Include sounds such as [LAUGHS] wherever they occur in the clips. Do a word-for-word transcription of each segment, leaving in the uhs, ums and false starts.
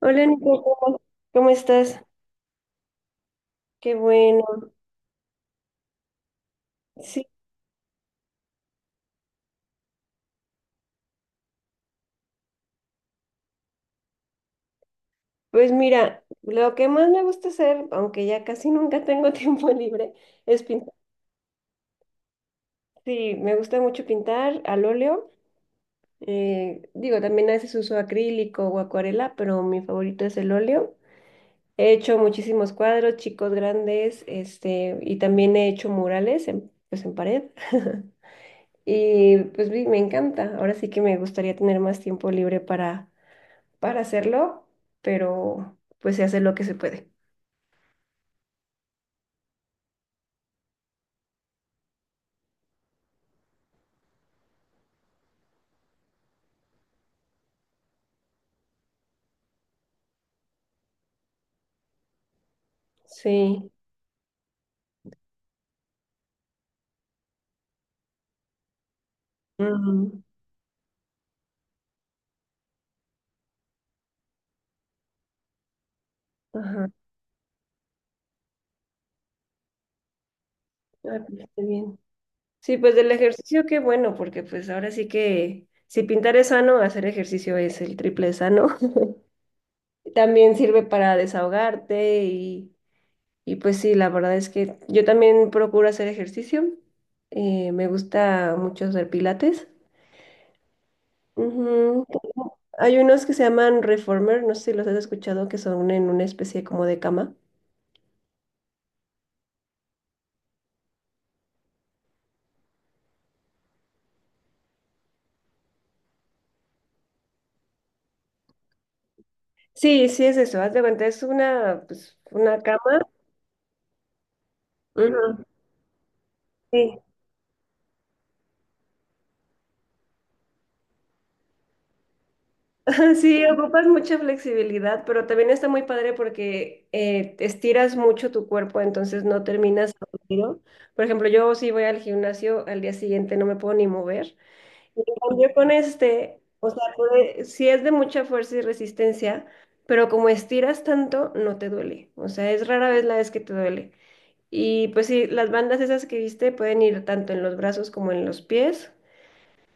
Hola Nico, ¿cómo, cómo estás? Qué bueno. Sí, pues mira, lo que más me gusta hacer, aunque ya casi nunca tengo [LAUGHS] tiempo libre, es pintar. Sí, me gusta mucho pintar al óleo. Eh, digo, también a veces uso acrílico o acuarela, pero mi favorito es el óleo. He hecho muchísimos cuadros, chicos grandes, este, y también he hecho murales en, pues en pared. [LAUGHS] Y pues vi- me encanta. Ahora sí que me gustaría tener más tiempo libre para para hacerlo, pero pues se hace lo que se puede. Sí. Ujú. Ajá. Ay, pues, está bien. Sí, pues del ejercicio, qué bueno, porque pues ahora sí que si pintar es sano, hacer ejercicio es el triple de sano. [LAUGHS] También sirve para desahogarte y, y, pues sí, la verdad es que yo también procuro hacer ejercicio. Eh, me gusta mucho hacer pilates. Ujú. Hay unos que se llaman reformer, no sé si los has escuchado, que son en una especie como de cama. Sí, sí, es eso, haz de cuenta, es una, pues, una cama. Ujú. Sí. [LAUGHS] Sí, ocupas mucha flexibilidad, pero también está muy padre porque eh, estiras mucho tu cuerpo, entonces no terminas aburrido. Por ejemplo, yo si voy al gimnasio, al día siguiente no me puedo ni mover. Y en cambio con este, o sea, puede- sí es de mucha fuerza y resistencia, pero como estiras tanto, no te duele. O sea, es rara vez la vez que te duele. Y pues sí, las bandas esas que viste pueden ir tanto en los brazos como en los pies.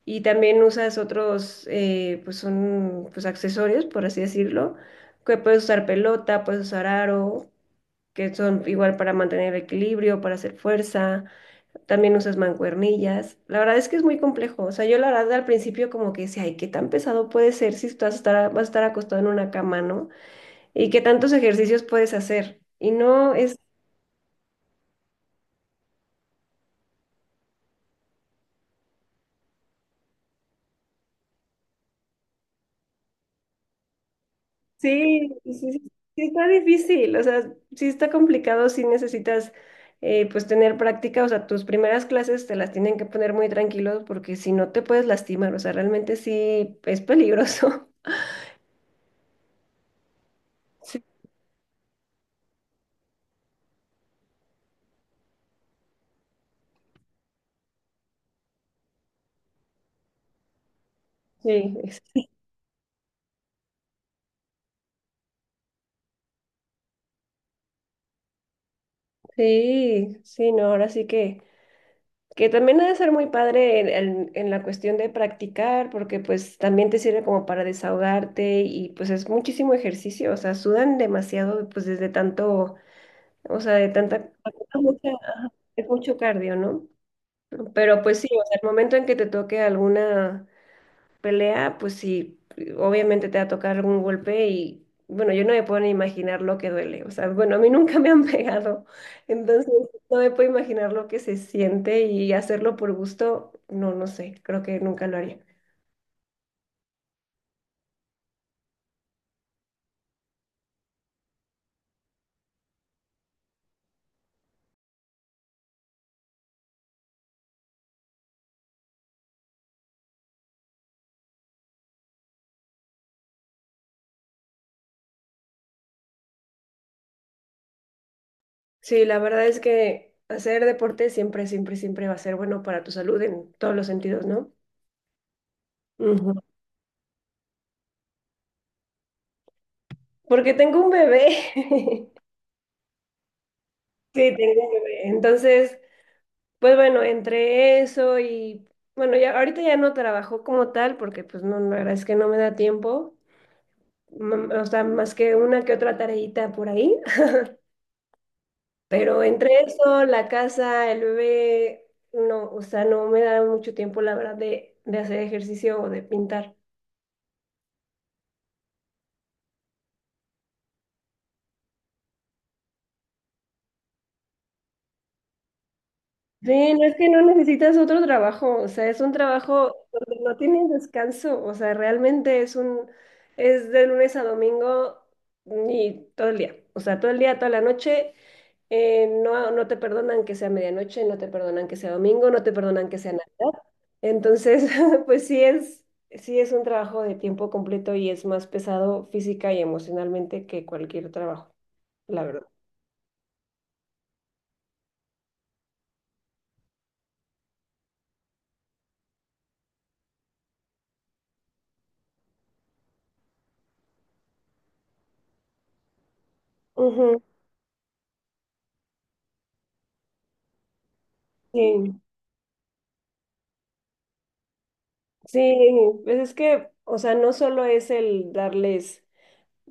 Y también usas otros, eh, pues son pues accesorios, por así decirlo, que puedes usar pelota, puedes usar aro, que son igual para mantener el equilibrio, para hacer fuerza. También usas mancuernillas. La verdad es que es muy complejo. O sea, yo la verdad al principio como que decía, ay, qué tan pesado puede ser si estás a estar, vas a estar acostado en una cama, ¿no? Y qué tantos ejercicios puedes hacer. Y no es. Sí, sí, sí, sí sí está difícil, o sea, sí está complicado, sí necesitas eh, pues tener práctica, o sea, tus primeras clases te las tienen que poner muy tranquilos porque si no te puedes lastimar, o sea, realmente sí es peligroso. [LAUGHS] Sí. Sí, es- sí, sí, no, ahora sí que, que, también ha de ser muy padre en, en- en la cuestión de practicar porque pues también te sirve como para desahogarte y pues es muchísimo ejercicio, o sea, sudan demasiado pues desde tanto. O sea, de tanta, es mucha- ajá, es mucho cardio, ¿no? Pero pues sí, o sea, el momento en que te toque alguna pelea, pues sí, obviamente te va a tocar algún golpe y bueno, yo no me puedo ni imaginar lo que duele. O sea, bueno, a mí [LAUGHS] nunca me han pegado, entonces no me puedo imaginar lo que se siente y hacerlo por gusto, no, no sé, creo que nunca lo haría. Sí, la verdad es que hacer deporte siempre, siempre, siempre va a ser bueno para tu salud en todos los sentidos, ¿no? Ujú. Porque tengo un bebé. [LAUGHS] Sí, tengo un bebé. Entonces, pues bueno, entre eso y bueno, ya ahorita ya no trabajo como tal porque pues no, la verdad es que no me da tiempo, mm, o sea, más que una que otra tareita por ahí, [LAUGHS] pero entre eso, la casa, el bebé, no, o sea, no me da mucho tiempo, la verdad, de, de hacer ejercicio o de pintar. Sí, no es que no necesitas otro trabajo, o sea, es un trabajo donde no tienes descanso, o sea, realmente es un, es de lunes a domingo y todo el día, o sea, todo el día, toda la noche, eh, no, no te perdonan que sea medianoche, no te perdonan que sea domingo, no te perdonan que sea Navidad, entonces, [LAUGHS] pues sí es, sí es un trabajo de tiempo completo y es más pesado física y emocionalmente que cualquier trabajo, la verdad. Ujú, sí. Sí, pues es que, o sea, no solo es el darles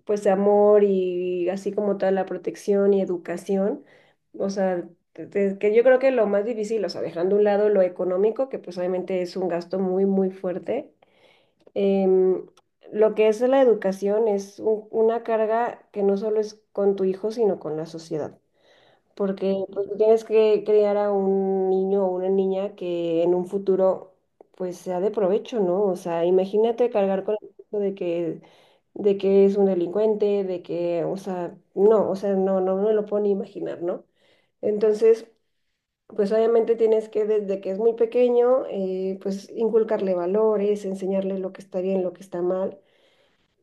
pues amor y así como toda la protección y educación, o sea, te- te- que yo creo que lo más difícil, o sea, dejando a un lado lo económico, que pues obviamente es un gasto muy, muy fuerte, em, lo que es la educación es un- una carga que no solo es con tu hijo, sino con la sociedad porque pues, tú tienes que criar a un niño o una niña que en un futuro pues sea de provecho, ¿no? O sea, imagínate cargar con el peso de que, de que es un delincuente, de que, o sea, no, o sea, no, no me lo puedo ni imaginar, ¿no? Entonces, pues obviamente tienes que desde que es muy pequeño, eh, pues inculcarle valores, enseñarle lo que está bien, lo que está mal,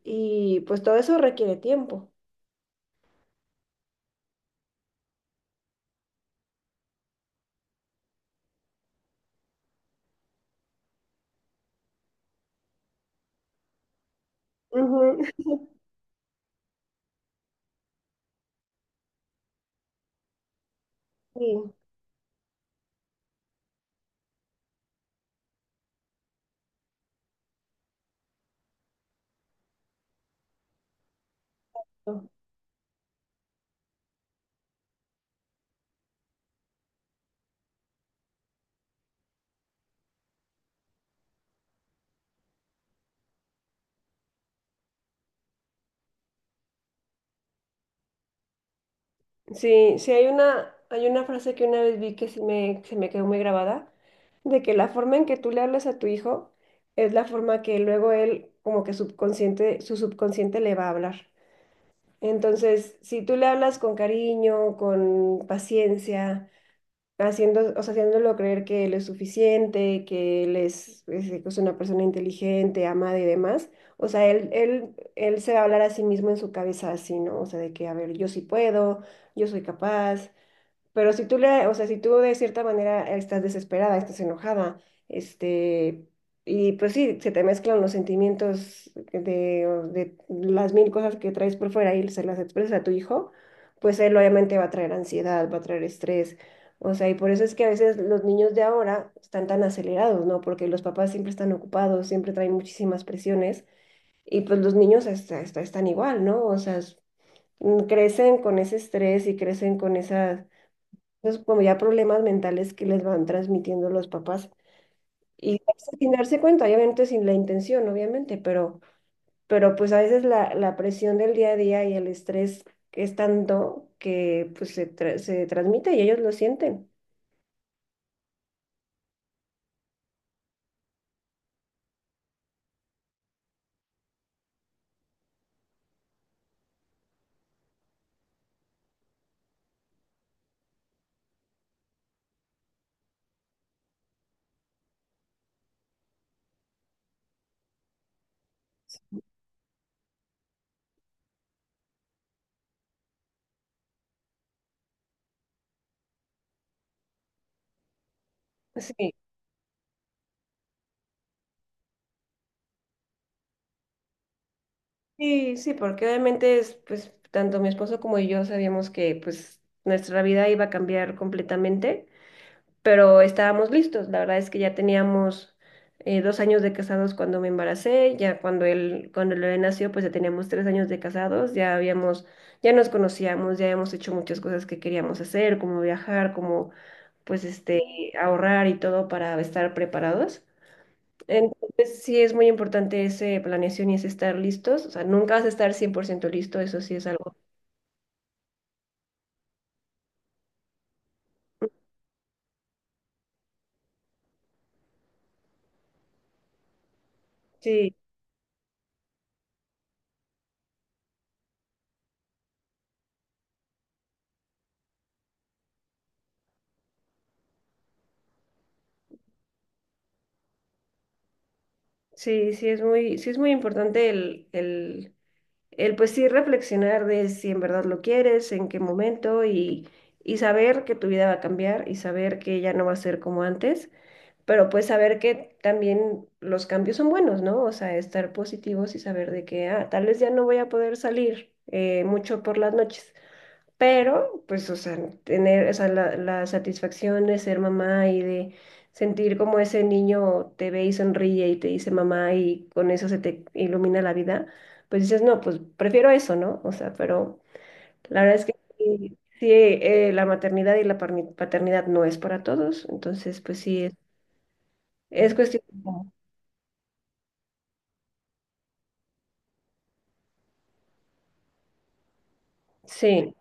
y pues todo eso requiere tiempo. Ujú, sí. No. Sí, sí hay una, hay una frase que una vez vi que sí me, se me quedó muy grabada, de que la forma en que tú le hablas a tu hijo es la forma que luego él, como que subconsciente, su subconsciente le va a hablar. Entonces, si tú le hablas con cariño, con paciencia, haciendo, o sea, haciéndolo creer que él es suficiente, que él es, es es una persona inteligente, amada y demás, o sea, él, él, él se va a hablar a sí mismo en su cabeza así, ¿no? O sea, de que, a ver, yo sí puedo, yo soy capaz, pero si tú le, o sea, si tú de cierta manera estás desesperada, estás enojada, este, y pues sí, se te mezclan los sentimientos de, o de las mil cosas que traes por fuera y se las expresas a tu hijo, pues él obviamente va a traer ansiedad, va a traer estrés. O sea, y por eso es que a veces los niños de ahora están tan acelerados, ¿no? Porque los papás siempre están ocupados, siempre traen muchísimas presiones y pues los niños hasta, hasta están igual, ¿no? O sea, s- crecen con ese estrés y crecen con esas, entonces, como ya problemas mentales que les van transmitiendo los papás. Y sin darse cuenta, obviamente sin la intención, obviamente, pero, pero pues a veces la, la presión del día a día y el estrés es tanto que pues se, tra- se transmite y ellos lo sienten. Sí, sí, sí, porque obviamente es, pues tanto mi esposo como yo sabíamos que pues nuestra vida iba a cambiar completamente. Pero estábamos listos. La verdad es que ya teníamos eh, dos años de casados cuando me embaracé, ya cuando él, cuando Lore nació, pues ya teníamos tres años de casados, ya habíamos, ya nos conocíamos, ya habíamos hecho muchas cosas que queríamos hacer, como viajar, como pues este, ahorrar y todo para estar preparados. Entonces sí es muy importante ese planeación y ese estar listos, o sea, nunca vas a estar cien por ciento listo, eso sí es algo. Sí, sí, sí es muy, sí es muy importante el, el El pues sí reflexionar de si en verdad lo quieres, en qué momento y, y saber que tu vida va a cambiar y saber que ya no va a ser como antes, pero pues saber que también los cambios son buenos, ¿no? O sea, estar positivos y saber de que ah, tal vez ya no voy a poder salir eh, mucho por las noches, pero, pues, o sea, tener, o sea, la, la satisfacción de ser mamá y de sentir como ese niño te ve y sonríe y te dice mamá y con eso se te ilumina la vida, pues dices, no, pues prefiero eso, ¿no? O sea, pero la verdad es que sí, sí, eh, la maternidad y la parni- paternidad no es para todos, entonces, pues sí, es, es, cuestión. Sí,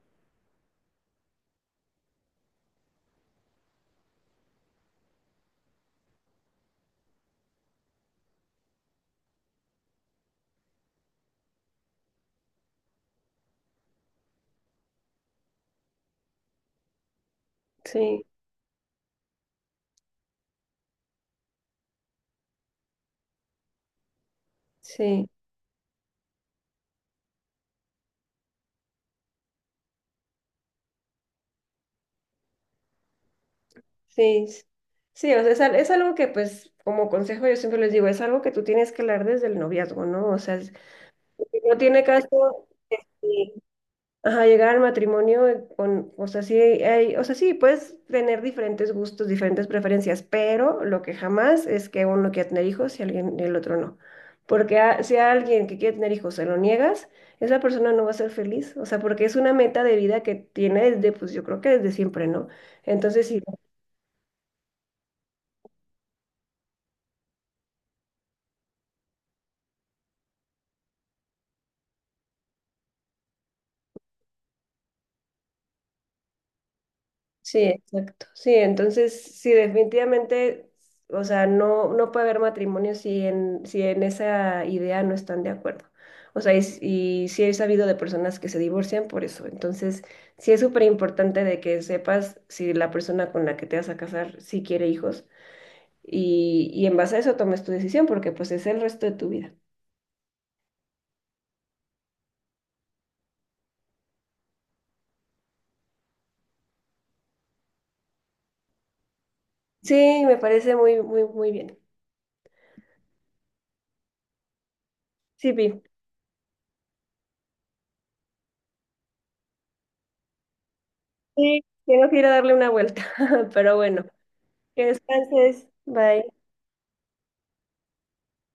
sí, sí. Sí, s- sí, o sea, es, al- es algo que pues como consejo yo siempre les digo, es algo que tú tienes que hablar desde el noviazgo, ¿no? O sea, es- no tiene caso eh, ajá, llegar al matrimonio eh, con, o sea, sí hay, o sea, sí puedes tener diferentes gustos, diferentes preferencias, pero lo que jamás es que uno quiera tener hijos y alguien y el otro no. Porque a- si a alguien que quiere tener hijos se lo niegas, esa persona no va a ser feliz, o sea, porque es una meta de vida que tiene desde, pues yo creo que desde siempre, ¿no? Entonces, si. Sí, exacto. Sí, entonces sí, definitivamente, o sea, no, no puede haber matrimonio si en, si en, esa idea no están de acuerdo. O sea, y, s- y sí he sabido de personas que se divorcian por eso. Entonces, sí es súper importante de que sepas si la persona con la que te vas a casar sí quiere hijos y, y en base a eso tomes tu decisión porque pues es el resto de tu vida. Sí, me parece muy, muy, muy bien. Sí, Pi. Sí, tengo que ir a darle una vuelta, [LAUGHS] pero bueno, que descanses. Bye.